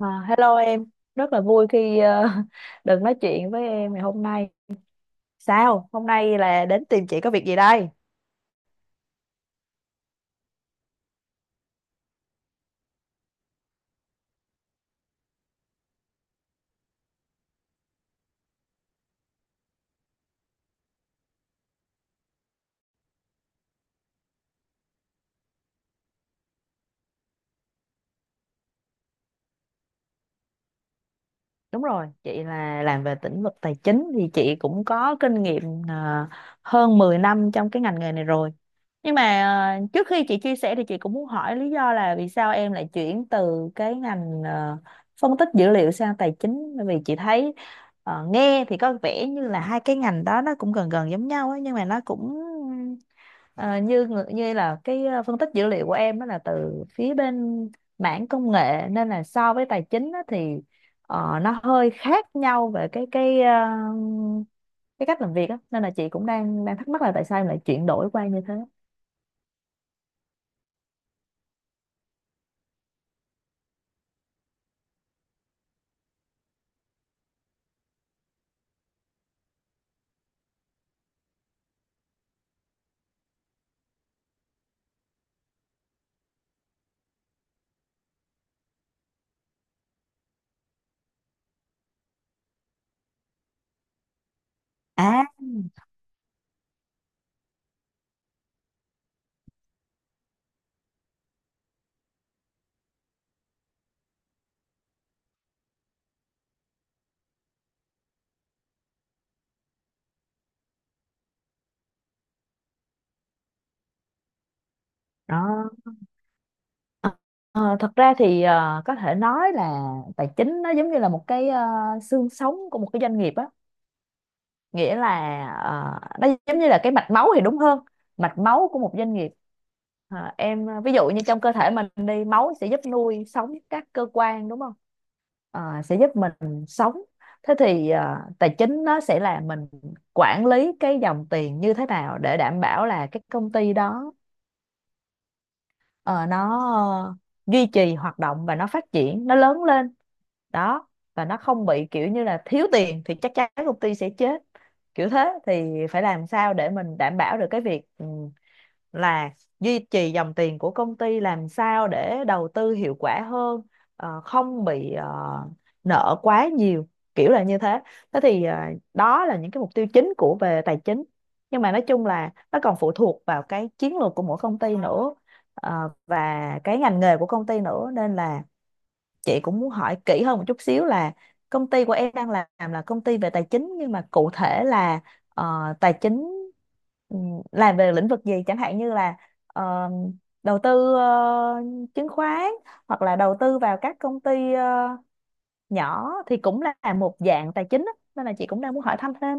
À, hello em, rất là vui khi được nói chuyện với em ngày hôm nay. Sao? Hôm nay là đến tìm chị có việc gì đây? Đúng rồi, chị là làm về lĩnh vực tài chính thì chị cũng có kinh nghiệm ờ, hơn 10 năm trong cái ngành nghề này rồi. Nhưng mà trước khi chị chia sẻ thì chị cũng muốn hỏi lý do là vì sao em lại chuyển từ cái ngành phân tích dữ liệu sang tài chính, bởi vì chị thấy nghe thì có vẻ như là hai cái ngành đó nó cũng gần gần giống nhau ấy, nhưng mà nó cũng như là cái phân tích dữ liệu của em đó là từ phía bên mảng công nghệ, nên là so với tài chính á thì nó hơi khác nhau về cái cái cách làm việc á, nên là chị cũng đang đang thắc mắc là tại sao em lại chuyển đổi qua như thế. À, đó. Ờ, thật ra thì có thể nói là tài chính nó giống như là một cái xương sống của một cái doanh nghiệp á, nghĩa là nó giống như là cái mạch máu thì đúng hơn, mạch máu của một doanh nghiệp. Ờ, em ví dụ như trong cơ thể mình đi, máu sẽ giúp nuôi sống các cơ quan đúng không? Ờ, sẽ giúp mình sống. Thế thì tài chính nó sẽ là mình quản lý cái dòng tiền như thế nào để đảm bảo là cái công ty đó ờ, nó ờ, duy trì hoạt động và nó phát triển, nó lớn lên đó, và nó không bị kiểu như là thiếu tiền, thì chắc chắn công ty sẽ chết, kiểu thế. Thì phải làm sao để mình đảm bảo được cái việc là duy trì dòng tiền của công ty, làm sao để đầu tư hiệu quả hơn, không bị nợ quá nhiều, kiểu là như thế. Thế thì đó là những cái mục tiêu chính của về tài chính, nhưng mà nói chung là nó còn phụ thuộc vào cái chiến lược của mỗi công ty nữa, và cái ngành nghề của công ty nữa, nên là chị cũng muốn hỏi kỹ hơn một chút xíu là công ty của em đang làm là công ty về tài chính, nhưng mà cụ thể là tài chính ừm, làm về lĩnh vực gì, chẳng hạn như là ờ, đầu tư chứng khoán, hoặc là đầu tư vào các công ty nhỏ thì cũng là một dạng tài chính á. Nên là chị cũng đang muốn hỏi thăm thêm.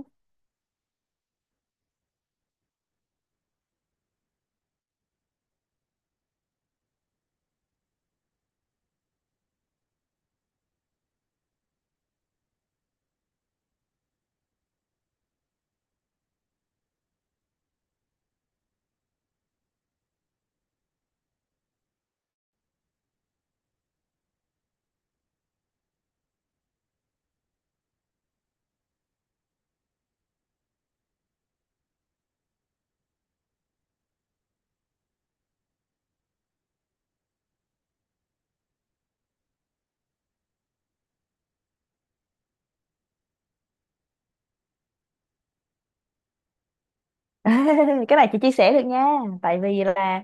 Cái này chị chia sẻ được nha, tại vì là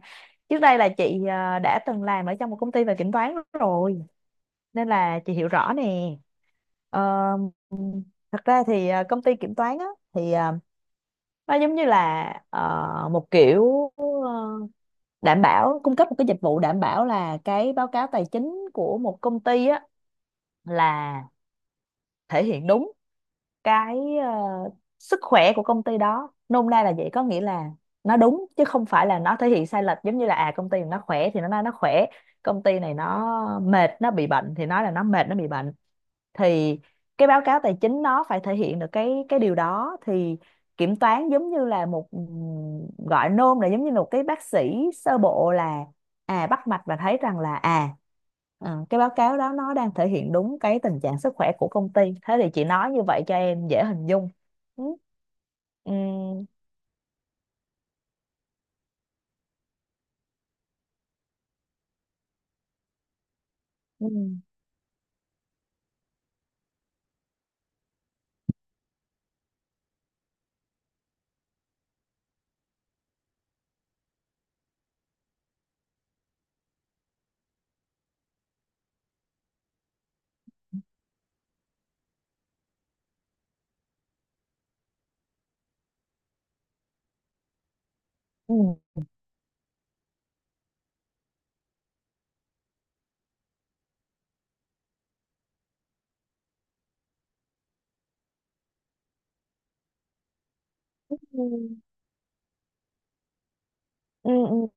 trước đây là chị đã từng làm ở trong một công ty về kiểm toán rồi, nên là chị hiểu rõ nè. Ờ, thật ra thì công ty kiểm toán á, thì nó giống như là một kiểu đảm bảo, cung cấp một cái dịch vụ đảm bảo là cái báo cáo tài chính của một công ty á là thể hiện đúng cái sức khỏe của công ty đó, nôm na là vậy. Có nghĩa là nó đúng chứ không phải là nó thể hiện sai lệch, giống như là à, công ty nó khỏe thì nó nói nó khỏe, công ty này nó mệt nó bị bệnh thì nói là nó mệt nó bị bệnh. Thì cái báo cáo tài chính nó phải thể hiện được cái điều đó. Thì kiểm toán giống như là một, gọi nôm là giống như một cái bác sĩ sơ bộ, là à, bắt mạch và thấy rằng là à cái báo cáo đó nó đang thể hiện đúng cái tình trạng sức khỏe của công ty. Thế thì chị nói như vậy cho em dễ hình dung. Ừ. Ừm. Ừ. Ừ. Ừ. Ừ.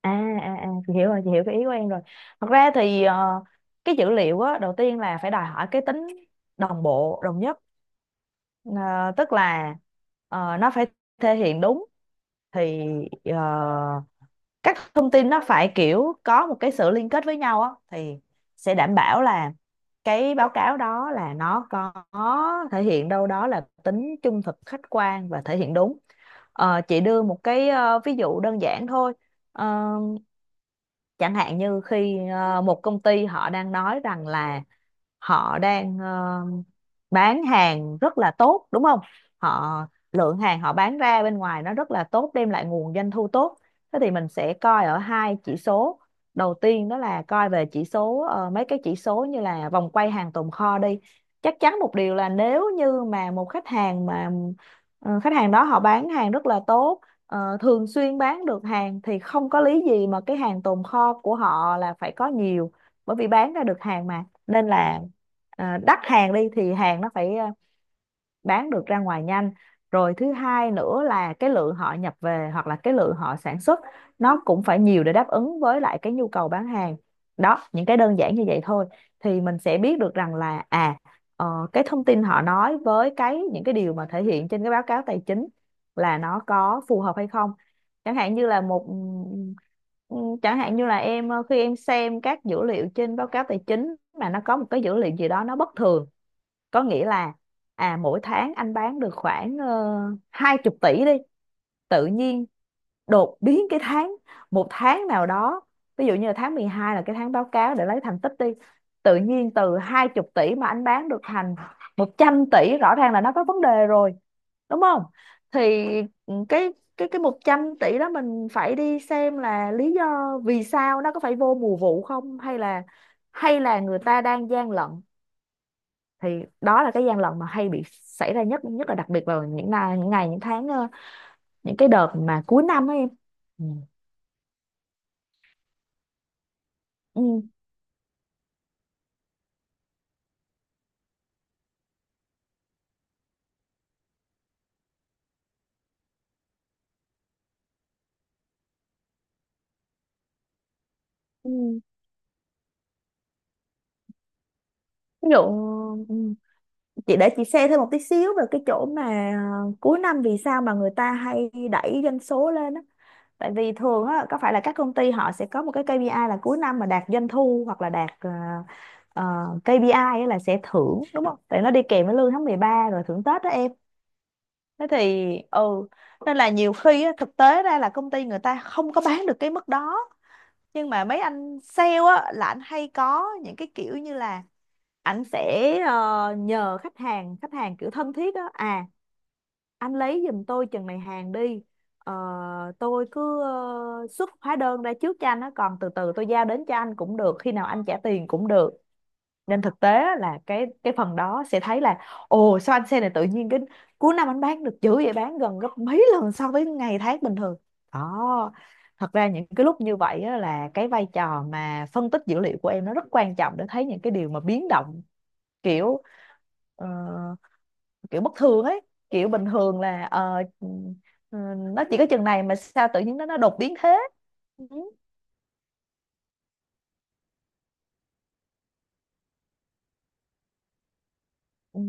À à à, chị hiểu rồi, chị hiểu cái ý của em rồi. Thật ra thì cái dữ liệu á, đầu tiên là phải đòi hỏi cái tính đồng bộ, đồng nhất. Ờ, tức là nó phải thể hiện đúng, thì ờ, các thông tin nó phải kiểu có một cái sự liên kết với nhau á, thì sẽ đảm bảo là cái báo cáo đó là nó có thể hiện đâu đó là tính trung thực, khách quan và thể hiện đúng. Ờ, chị đưa một cái ví dụ đơn giản thôi. Ờ, chẳng hạn như khi một công ty họ đang nói rằng là họ đang bán hàng rất là tốt, đúng không? Họ, lượng hàng họ bán ra bên ngoài nó rất là tốt, đem lại nguồn doanh thu tốt. Thế thì mình sẽ coi ở hai chỉ số. Đầu tiên đó là coi về chỉ số, mấy cái chỉ số như là vòng quay hàng tồn kho đi. Chắc chắn một điều là nếu như mà một khách hàng mà khách hàng đó họ bán hàng rất là tốt, thường xuyên bán được hàng, thì không có lý gì mà cái hàng tồn kho của họ là phải có nhiều, bởi vì bán ra được hàng mà, nên là à, đắt hàng đi thì hàng nó phải à, bán được ra ngoài nhanh. Rồi thứ hai nữa là cái lượng họ nhập về hoặc là cái lượng họ sản xuất nó cũng phải nhiều để đáp ứng với lại cái nhu cầu bán hàng đó. Những cái đơn giản như vậy thôi thì mình sẽ biết được rằng là à cái thông tin họ nói với cái những cái điều mà thể hiện trên cái báo cáo tài chính là nó có phù hợp hay không. Chẳng hạn như là một, ừ, chẳng hạn như là em khi em xem các dữ liệu trên báo cáo tài chính mà nó có một cái dữ liệu gì đó nó bất thường, có nghĩa là à, mỗi tháng anh bán được khoảng 20 tỷ đi, tự nhiên đột biến cái tháng, một tháng nào đó, ví dụ như là tháng 12 là cái tháng báo cáo để lấy thành tích đi, tự nhiên từ 20 tỷ mà anh bán được thành 100 tỷ, rõ ràng là nó có vấn đề rồi, đúng không? Thì cái 100 tỷ đó mình phải đi xem là lý do vì sao, nó có phải vô mùa vụ không, hay là hay là người ta đang gian lận. Thì đó là cái gian lận mà hay bị xảy ra nhất, nhất là đặc biệt vào những ngày, những ngày, những tháng, những cái đợt mà cuối năm ấy em. Ừ. Ừ. Ừ. Ví dụ, ừ, chị để chị share thêm một tí xíu về cái chỗ mà cuối năm vì sao mà người ta hay đẩy doanh số lên á. Tại vì thường á, có phải là các công ty họ sẽ có một cái KPI là cuối năm mà đạt doanh thu hoặc là đạt ờ, KPI á là sẽ thưởng, đúng không? Tại nó đi kèm với lương tháng 13 rồi thưởng Tết đó em. Thế thì nên là nhiều khi á, thực tế ra là công ty người ta không có bán được cái mức đó, nhưng mà mấy anh sale á là anh hay có những cái kiểu như là ảnh sẽ nhờ khách hàng, khách hàng kiểu thân thiết á, à, anh lấy giùm tôi chừng này hàng đi. Ờ, tôi cứ xuất hóa đơn ra trước cho anh á, còn từ từ tôi giao đến cho anh cũng được, khi nào anh trả tiền cũng được. Nên thực tế á là cái phần đó sẽ thấy là, ồ, sao anh xe này tự nhiên cái cuối năm anh bán được dữ vậy, bán gần gấp mấy lần so với ngày tháng bình thường. Đó, thật ra những cái lúc như vậy á là cái vai trò mà phân tích dữ liệu của em nó rất quan trọng, để thấy những cái điều mà biến động kiểu ờ, kiểu bất thường ấy, kiểu bình thường là ừ, nó chỉ có chừng này mà sao tự nhiên nó đột biến thế. Ừ. Ừ.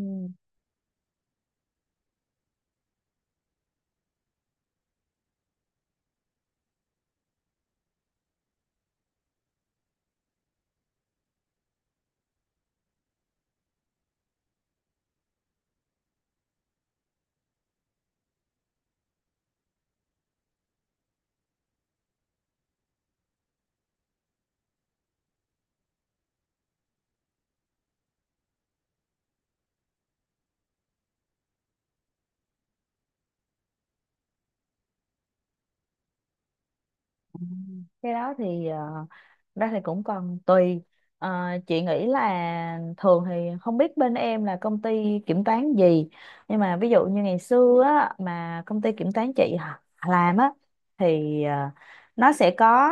Cái đó thì ra thì cũng còn tùy. Ờ, chị nghĩ là thường thì không biết bên em là công ty kiểm toán gì, nhưng mà ví dụ như ngày xưa á, mà công ty kiểm toán chị làm á, thì nó sẽ có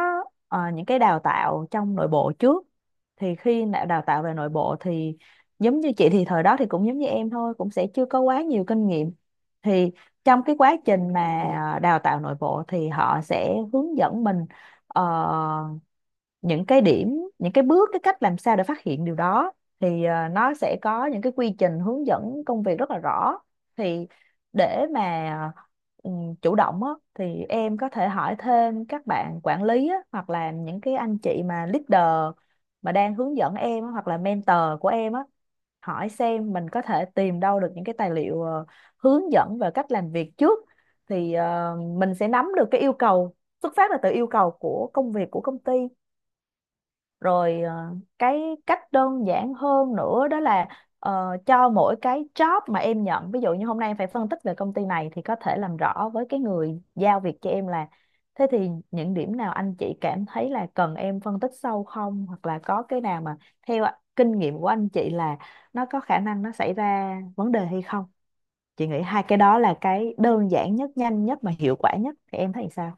những cái đào tạo trong nội bộ trước. Thì khi đã đào tạo về nội bộ thì giống như chị thì thời đó thì cũng giống như em thôi, cũng sẽ chưa có quá nhiều kinh nghiệm. Thì trong cái quá trình mà đào tạo nội bộ thì họ sẽ hướng dẫn mình ờ, những cái điểm, những cái bước, cái cách làm sao để phát hiện điều đó. Thì nó sẽ có những cái quy trình hướng dẫn công việc rất là rõ. Thì để mà chủ động á, thì em có thể hỏi thêm các bạn quản lý á, hoặc là những cái anh chị mà leader mà đang hướng dẫn em á, hoặc là mentor của em á, hỏi xem mình có thể tìm đâu được những cái tài liệu hướng dẫn về cách làm việc trước. Thì mình sẽ nắm được cái yêu cầu, xuất phát là từ yêu cầu của công việc của công ty. Rồi cái cách đơn giản hơn nữa đó là cho mỗi cái job mà em nhận, ví dụ như hôm nay em phải phân tích về công ty này, thì có thể làm rõ với cái người giao việc cho em là, thế thì những điểm nào anh chị cảm thấy là cần em phân tích sâu không, hoặc là có cái nào mà theo kinh nghiệm của anh chị là nó có khả năng nó xảy ra vấn đề hay không. Chị nghĩ hai cái đó là cái đơn giản nhất, nhanh nhất mà hiệu quả nhất, thì em thấy sao?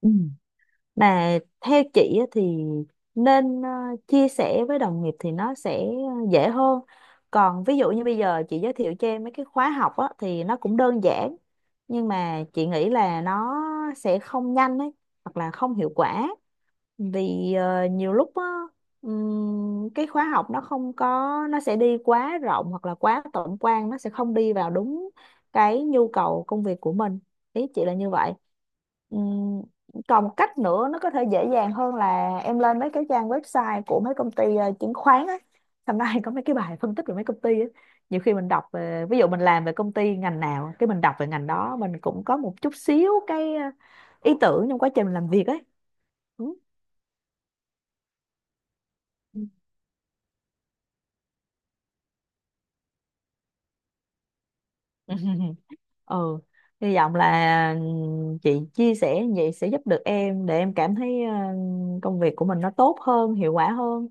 Ừ. Mà theo chị á thì nên chia sẻ với đồng nghiệp thì nó sẽ dễ hơn. Còn ví dụ như bây giờ chị giới thiệu cho em mấy cái khóa học á thì nó cũng đơn giản, nhưng mà chị nghĩ là nó sẽ không nhanh ấy, hoặc là không hiệu quả. Vì nhiều lúc á, cái khóa học nó không có, nó sẽ đi quá rộng hoặc là quá tổng quan, nó sẽ không đi vào đúng cái nhu cầu công việc của mình. Ý chị là như vậy. Ừm, còn một cách nữa nó có thể dễ dàng hơn là em lên mấy cái trang website của mấy công ty chứng khoán á, hôm nay có mấy cái bài phân tích về mấy công ty á. Nhiều khi mình đọc về, ví dụ mình làm về công ty ngành nào cái mình đọc về ngành đó, mình cũng có một chút xíu cái ý tưởng trong quá trình mình làm việc ấy. Ừ. Ừ, hy vọng là chị chia sẻ như vậy sẽ giúp được em, để em cảm thấy công việc của mình nó tốt hơn, hiệu quả hơn.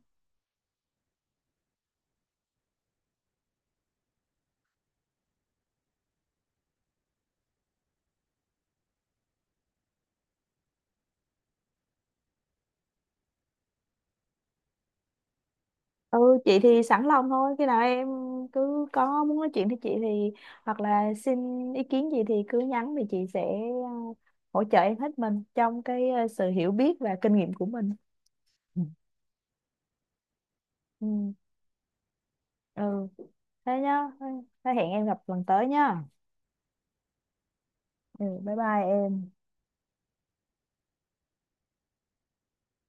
Ừ, chị thì sẵn lòng thôi, khi nào em cứ có muốn nói chuyện với chị thì, hoặc là xin ý kiến gì thì cứ nhắn thì chị sẽ ờ, hỗ trợ em hết mình trong cái sự hiểu biết và kinh nghiệm của mình. Ừ, ừ. Thế nhá, thế hẹn em gặp lần tới nhá. Ừ, bye bye em.